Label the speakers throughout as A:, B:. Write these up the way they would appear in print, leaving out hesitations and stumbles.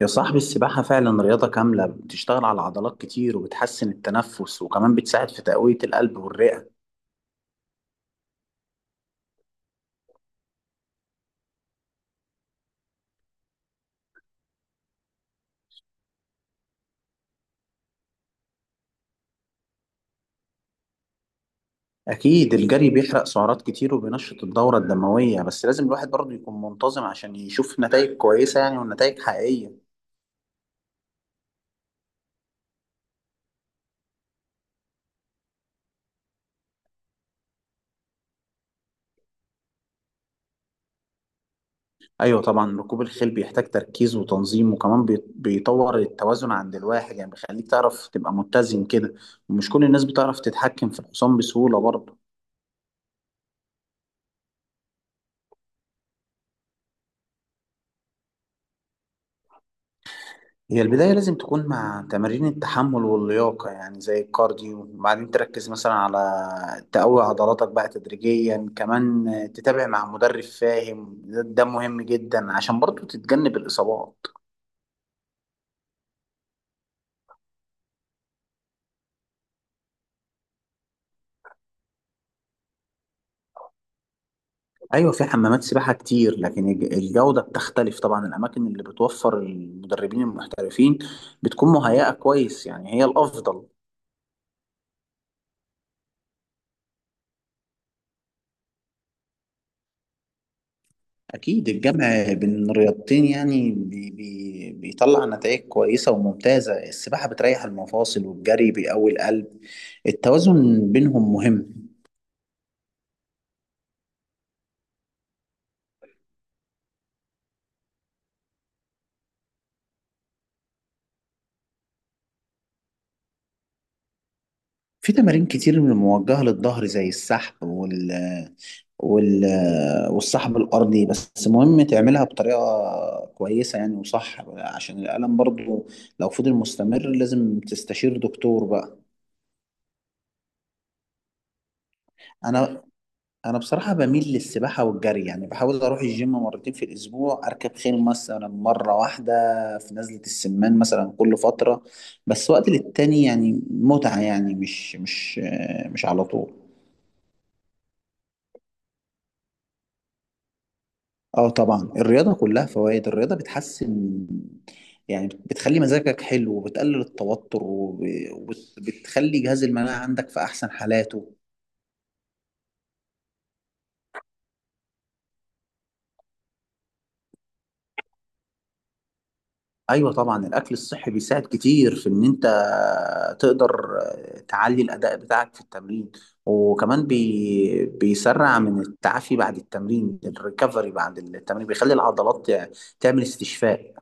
A: يا صاحبي، السباحة فعلا رياضة كاملة بتشتغل على عضلات كتير وبتحسن التنفس وكمان بتساعد في تقوية القلب والرئة. أكيد الجري بيحرق سعرات كتير وبينشط الدورة الدموية، بس لازم الواحد برضه يكون منتظم عشان يشوف نتائج كويسة، يعني ونتائج حقيقية. أيوة طبعا، ركوب الخيل بيحتاج تركيز وتنظيم وكمان بيطور التوازن عند الواحد، يعني بيخليك تعرف تبقى متزن كده. ومش كل الناس بتعرف تتحكم في الحصان بسهولة برضه. هي البداية لازم تكون مع تمارين التحمل واللياقة يعني زي الكارديو، وبعدين تركز مثلا على تقوي عضلاتك بقى تدريجيا، كمان تتابع مع مدرب فاهم. ده مهم جدا عشان برضو تتجنب الإصابات. أيوة في حمامات سباحة كتير، لكن الجودة بتختلف. طبعا الأماكن اللي بتوفر المدربين المحترفين بتكون مهيئة كويس، يعني هي الأفضل. أكيد الجمع بين الرياضتين يعني بي بي بيطلع نتائج كويسة وممتازة. السباحة بتريح المفاصل والجري بيقوي القلب، التوازن بينهم مهم. في تمارين كتير موجهة للظهر زي السحب وال والسحب الأرضي، بس مهم تعملها بطريقة كويسة يعني وصح. عشان الألم برضو لو فضل مستمر لازم تستشير دكتور بقى. أنا بصراحه بميل للسباحه والجري، يعني بحاول اروح الجيم مرتين في الاسبوع، اركب خيل مثلا مره واحده في نزله السمان مثلا كل فتره. بس وقت للتاني يعني متعه، يعني مش على طول. اه طبعا، الرياضه كلها فوائد. الرياضه بتحسن، يعني بتخلي مزاجك حلو وبتقلل التوتر وبتخلي جهاز المناعه عندك في احسن حالاته. ايوه طبعا، الاكل الصحي بيساعد كتير في ان انت تقدر تعلي الاداء بتاعك في التمرين، وكمان بيسرع من التعافي بعد التمرين. الريكفري بعد التمرين بيخلي العضلات تعمل استشفاء.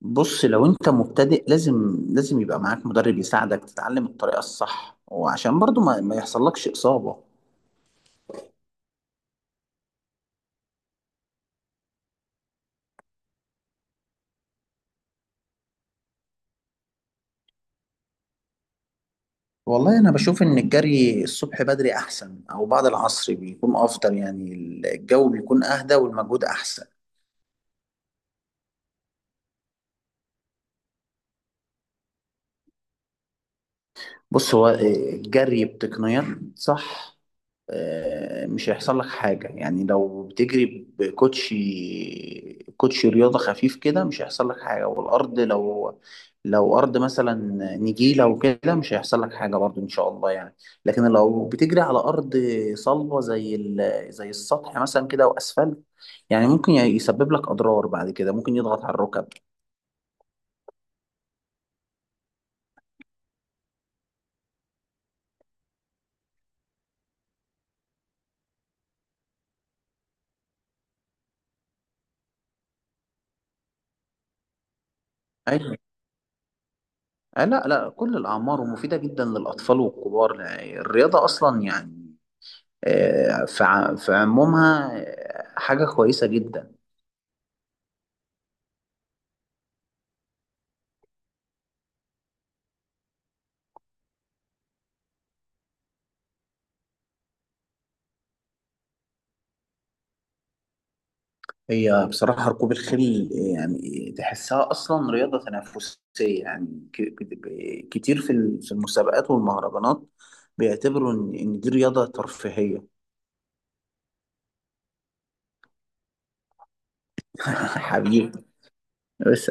A: بص لو انت مبتدئ، لازم يبقى معاك مدرب يساعدك تتعلم الطريقة الصح، وعشان برضو ما يحصلكش إصابة. والله أنا بشوف إن الجري الصبح بدري أحسن، أو بعد العصر بيكون أفضل، يعني الجو بيكون أهدى والمجهود أحسن. بص هو الجري بتقنيات صح مش هيحصل لك حاجة. يعني لو بتجري بكوتشي كوتشي رياضة خفيف كده مش هيحصل لك حاجة، والأرض لو لو أرض مثلا نجيلة وكده مش هيحصل لك حاجة برضو إن شاء الله يعني. لكن لو بتجري على أرض صلبة زي زي السطح مثلا كده وأسفلت، يعني ممكن يسبب لك أضرار بعد كده، ممكن يضغط على الركب. أيوة لا لا، كل الأعمار، ومفيدة جدا للأطفال والكبار. يعني الرياضة أصلا يعني في في عمومها حاجة كويسة جدا. هي بصراحة ركوب الخيل يعني تحسها أصلا رياضة تنافسية، يعني كتير في في المسابقات والمهرجانات بيعتبروا إن دي رياضة ترفيهية. حبيبي بس.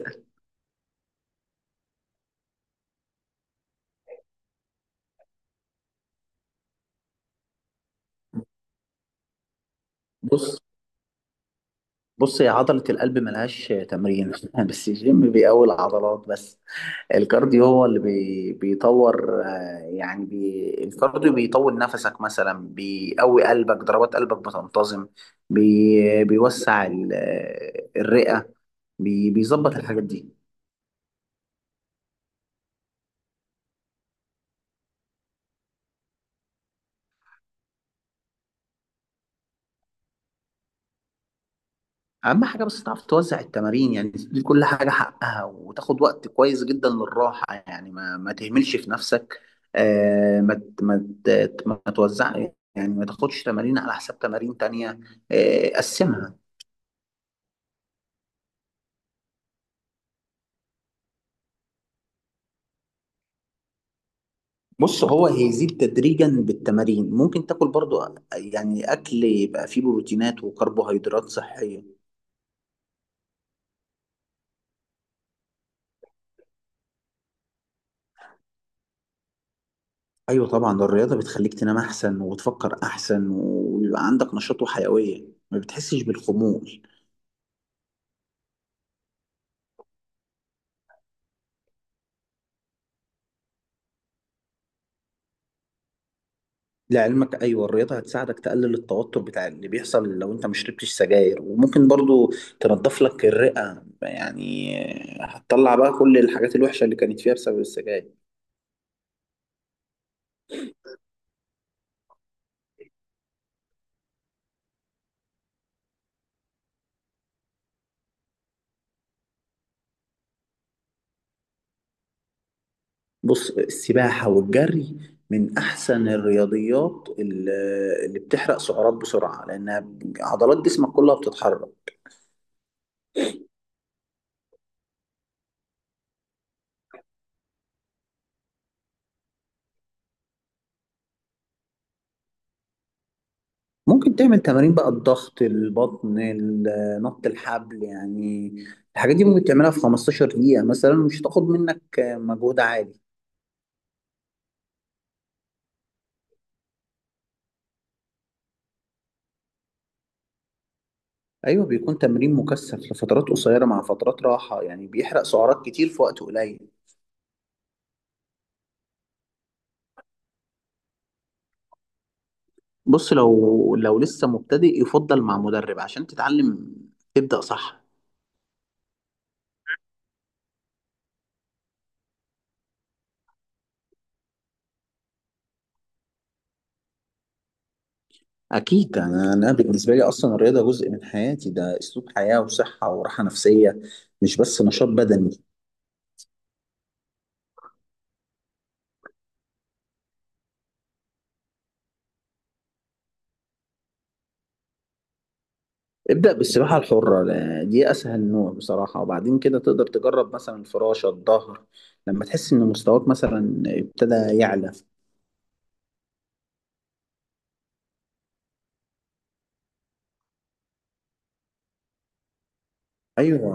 A: بص بص يا عضلة القلب ملهاش تمرين بس الجيم بيقوي العضلات بس. الكارديو هو اللي بيطور يعني الكارديو بيطول نفسك مثلا، بيقوي قلبك، ضربات قلبك بتنتظم، بيوسع الرئة، بيظبط الحاجات دي. أهم حاجة بس تعرف توزع التمارين، يعني تدي كل حاجة حقها وتاخد وقت كويس جدا للراحة، يعني ما تهملش في نفسك. ما توزع، يعني ما تاخدش تمارين على حساب تمارين تانية. قسمها. بص هو هيزيد تدريجا بالتمارين، ممكن تاكل برضو، يعني اكل يبقى فيه بروتينات وكربوهيدرات صحية. ايوه طبعا، ده الرياضة بتخليك تنام احسن وتفكر احسن ويبقى عندك نشاط وحيوية، ما بتحسش بالخمول. لعلمك ايوه، الرياضة هتساعدك تقلل التوتر بتاع اللي بيحصل لو انت ما شربتش سجاير، وممكن برضو تنضف لك الرئة، يعني هتطلع بقى كل الحاجات الوحشة اللي كانت فيها بسبب السجاير. بص السباحة والجري من أحسن الرياضيات اللي بتحرق سعرات بسرعة، لأنها عضلات جسمك كلها بتتحرك. ممكن تعمل تمارين بقى الضغط، البطن، نط الحبل، يعني الحاجات دي ممكن تعملها في 15 دقيقة مثلا، مش هتاخد منك مجهود عالي. أيوة بيكون تمرين مكثف لفترات قصيرة مع فترات راحة، يعني بيحرق سعرات كتير في وقت قليل. بص لو لسه مبتدئ يفضل مع مدرب عشان تتعلم تبدأ صح. أكيد أنا بالنسبة لي أصلا الرياضة جزء من حياتي، ده أسلوب حياة وصحة وراحة نفسية، مش بس نشاط بدني. ابدأ بالسباحة الحرة، دي أسهل نوع بصراحة، وبعدين كده تقدر تجرب مثلا الفراشة، الظهر، لما تحس إن مستواك مثلا ابتدى يعلى. أيوه،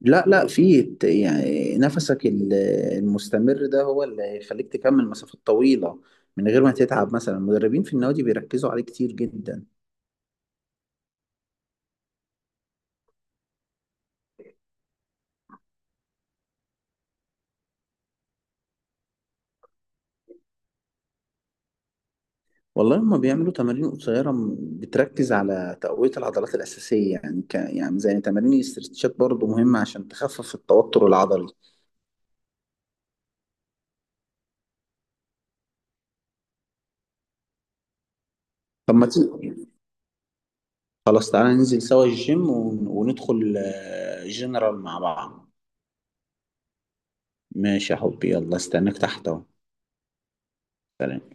A: لا لا، في يعني نفسك المستمر ده هو اللي هيخليك تكمل مسافات طويلة من غير ما تتعب. مثلا المدربين في النوادي بيركزوا عليه كتير جدا. والله هما بيعملوا تمارين قصيرة بتركز على تقوية العضلات الأساسية، يعني يعني زي تمارين الاسترتشات برضو مهمة عشان تخفف التوتر العضلي. طب ما تيجي، خلاص تعالى ننزل سوا الجيم وندخل جنرال مع بعض. ماشي يا حبي، يلا استناك تحت أهو. سلام.